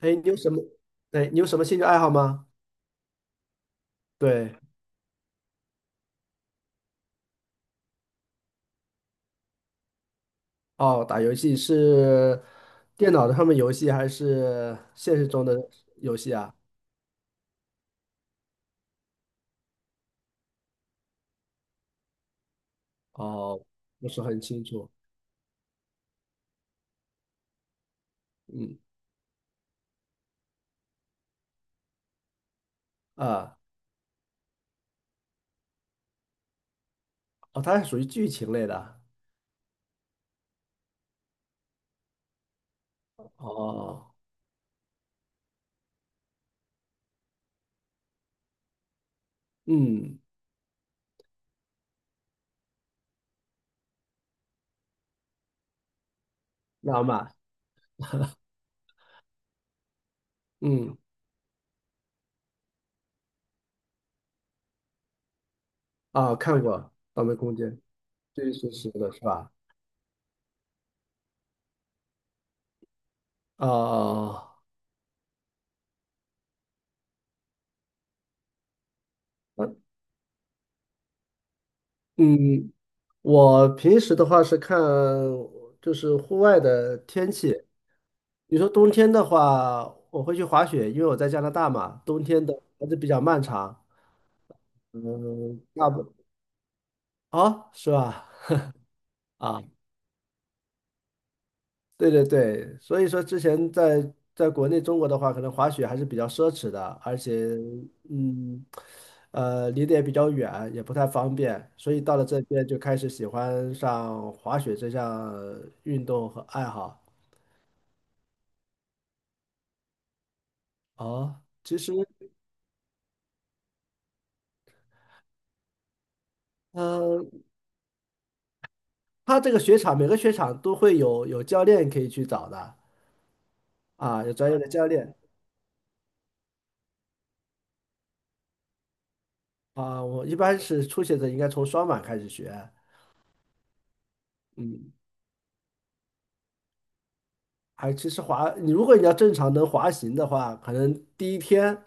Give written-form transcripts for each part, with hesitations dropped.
哎，你有什么？哎，你有什么兴趣爱好吗？对，哦，打游戏是电脑上面游戏还是现实中的游戏啊？哦，不是很清楚。嗯，啊，哦，它是属于剧情类的啊。哦，嗯，浪漫，嗯，啊，看过《盗梦空间》，这是实的是吧？哦，嗯，我平时的话是看就是户外的天气，你说冬天的话，我会去滑雪，因为我在加拿大嘛，冬天的还是比较漫长。嗯，大不啊，是吧？啊，对对对，所以说之前在国内中国的话，可能滑雪还是比较奢侈的，而且嗯，离得也比较远，也不太方便，所以到了这边就开始喜欢上滑雪这项运动和爱好。哦，其实，嗯，他这个雪场每个雪场都会有教练可以去找的啊，有专业的教练啊。我一般是初学者应该从双板开始学，嗯，还其实滑，你如果你要正常能滑行的话，可能第一天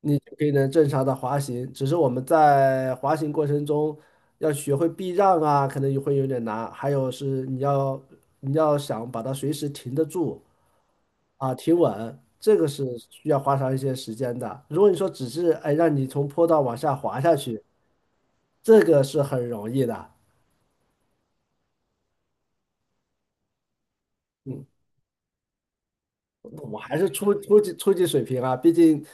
你就可以能正常的滑行，只是我们在滑行过程中要学会避让啊，可能也会有点难，还有是你要想把它随时停得住。啊，提稳，这个是需要花上一些时间的。如果你说只是哎让你从坡道往下滑下去，这个是很容易的。我还是初级水平啊，毕竟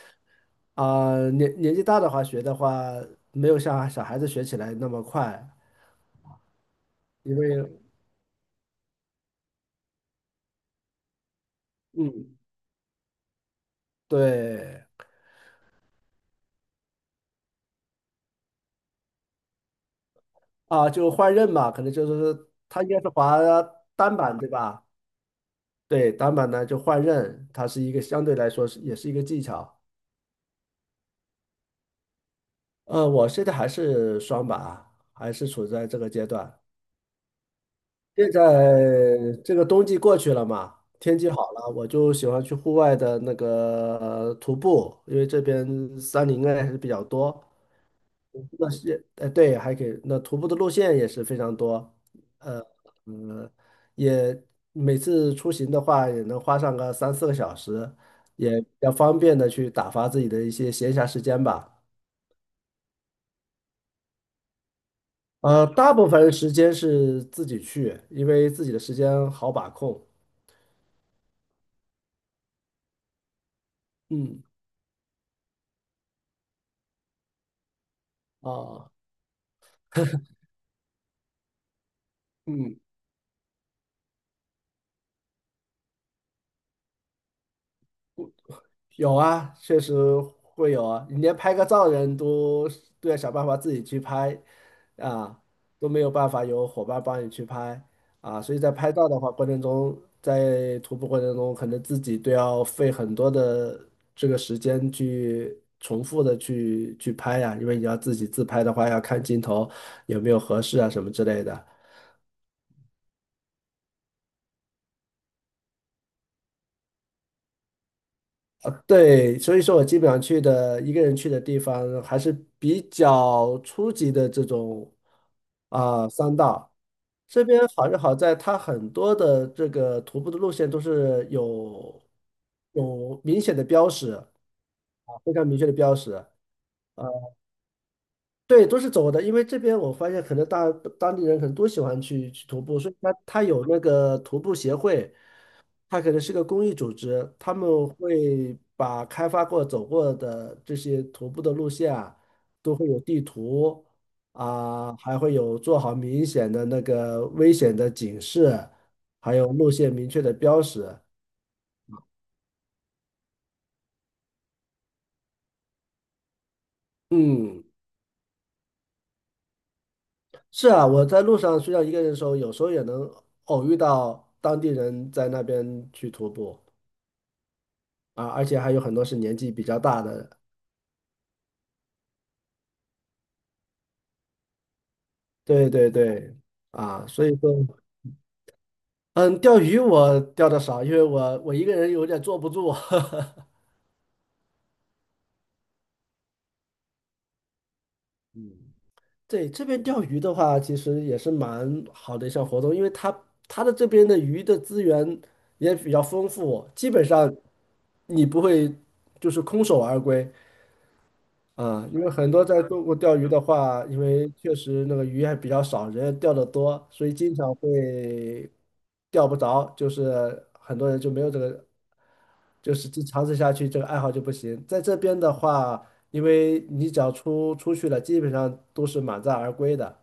啊、呃年年纪大的话学的话，没有像小孩子学起来那么快，因为嗯对啊就换刃嘛，可能就是他应该是滑单板对吧？对，单板呢就换刃，它是一个相对来说是也是一个技巧。我现在还是双板啊，还是处在这个阶段。现在这个冬季过去了嘛，天气好了，我就喜欢去户外的那个徒步，因为这边山林啊还是比较多。那些，对，还可以，那徒步的路线也是非常多。呃，呃，也每次出行的话，也能花上个三四个小时，也比较方便的去打发自己的一些闲暇时间吧。大部分时间是自己去，因为自己的时间好把控。嗯啊，嗯，有啊，确实会有啊，你连拍个照人都要想办法自己去拍啊，都没有办法有伙伴帮你去拍啊，所以在拍照的话过程中，在徒步过程中，可能自己都要费很多的这个时间去重复的去拍呀、因为你要自己自拍的话，要看镜头有没有合适啊什么之类的。对，所以说我基本上去的一个人去的地方还是比较初级的这种啊、山道。这边好就好在它很多的这个徒步的路线都是有明显的标识啊，非常明确的标识。啊。对，都是走的，因为这边我发现可能当地人可能都喜欢去徒步，所以它有那个徒步协会，它可能是个公益组织，他们会把开发过、走过的这些徒步的路线啊，都会有地图啊，还会有做好明显的那个危险的警示，还有路线明确的标识。嗯，是啊，我在路上需要一个人的时候，有时候也能偶遇到当地人在那边去徒步啊，而且还有很多是年纪比较大的。对对对，啊，所以说。嗯，钓鱼我钓的少，因为我一个人有点坐不住。对，这边钓鱼的话，其实也是蛮好的一项活动，因为它的这边的鱼的资源也比较丰富，基本上你不会就是空手而归，啊，因为很多在中国钓鱼的话，因为确实那个鱼还比较少，人也钓得多，所以经常会钓不着，就是很多人就没有这个，就是这尝试下去这个爱好就不行。在这边的话，因为你只要出去了，基本上都是满载而归的。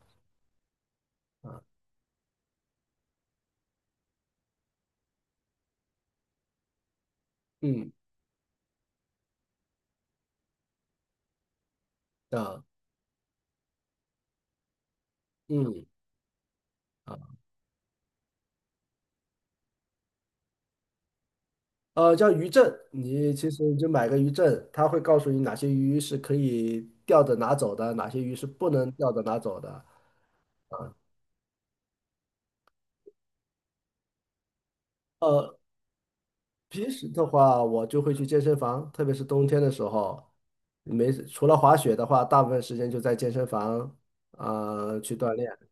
嗯啊，嗯啊，叫渔证，你其实你就买个渔证，它会告诉你哪些鱼是可以钓着拿走的，哪些鱼是不能钓着拿走的。呃。平时的话，我就会去健身房，特别是冬天的时候，没事，除了滑雪的话，大部分时间就在健身房啊、去锻炼。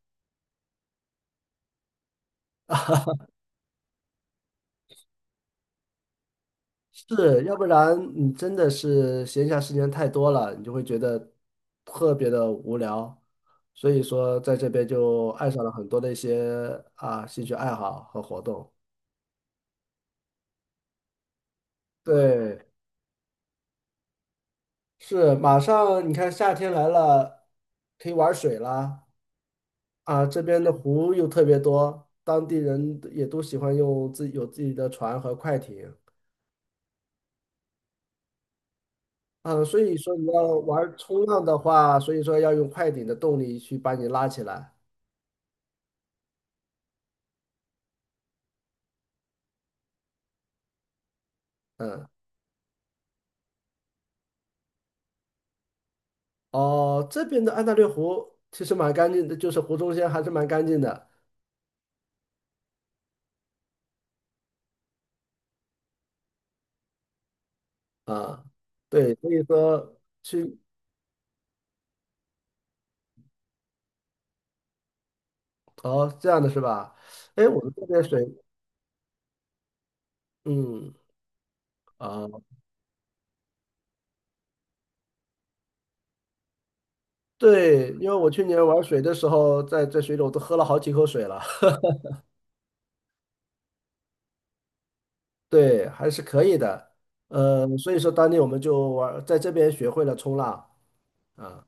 是，要不然你真的是闲暇时间太多了，你就会觉得特别的无聊。所以说，在这边就爱上了很多的一些啊兴趣爱好和活动。对，是，马上你看夏天来了，可以玩水啦。啊，这边的湖又特别多，当地人也都喜欢用自己有自己的船和快艇。啊，所以说你要玩冲浪的话，所以说要用快艇的动力去把你拉起来。哦，这边的安大略湖其实蛮干净的，就是湖中间还是蛮干净的啊。对，所以说去。哦，这样的是吧？哎，我们这边水，嗯啊，对，因为我去年玩水的时候，在水里我都喝了好几口水了。对，还是可以的。所以说当年我们就玩，在这边学会了冲浪啊。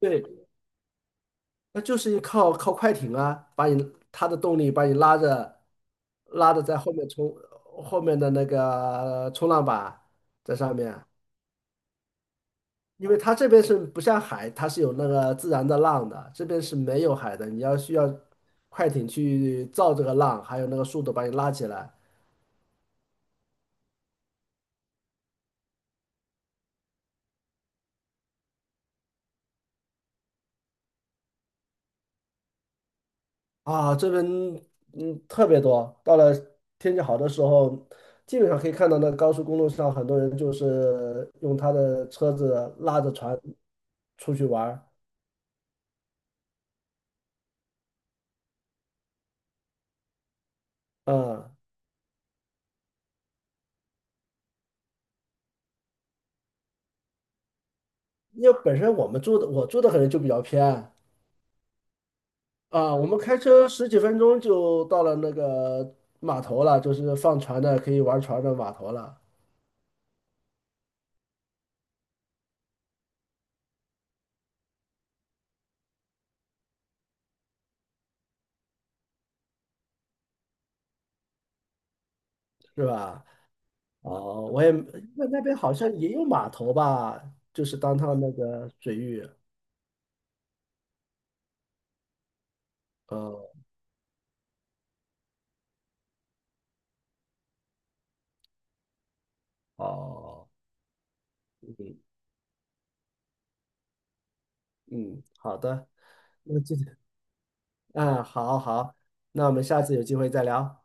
对，那就是靠快艇啊，把你它的动力把你拉着，拉着在后面冲，后面的那个冲浪板在上面，因为它这边是不像海，它是有那个自然的浪的，这边是没有海的，你需要快艇去造这个浪，还有那个速度把你拉起来。啊，这边特别多，到了天气好的时候，基本上可以看到那高速公路上很多人就是用他的车子拉着船出去玩儿啊。因为本身我住的可能就比较偏啊，我们开车十几分钟就到了那个码头了，就是放船的可以玩船的码头了，是吧？哦，我也那边好像也有码头吧，就是当趟那个水域，嗯。哦。嗯嗯，好的，那这，嗯，好好，那我们下次有机会再聊。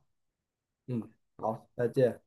嗯，好，再见。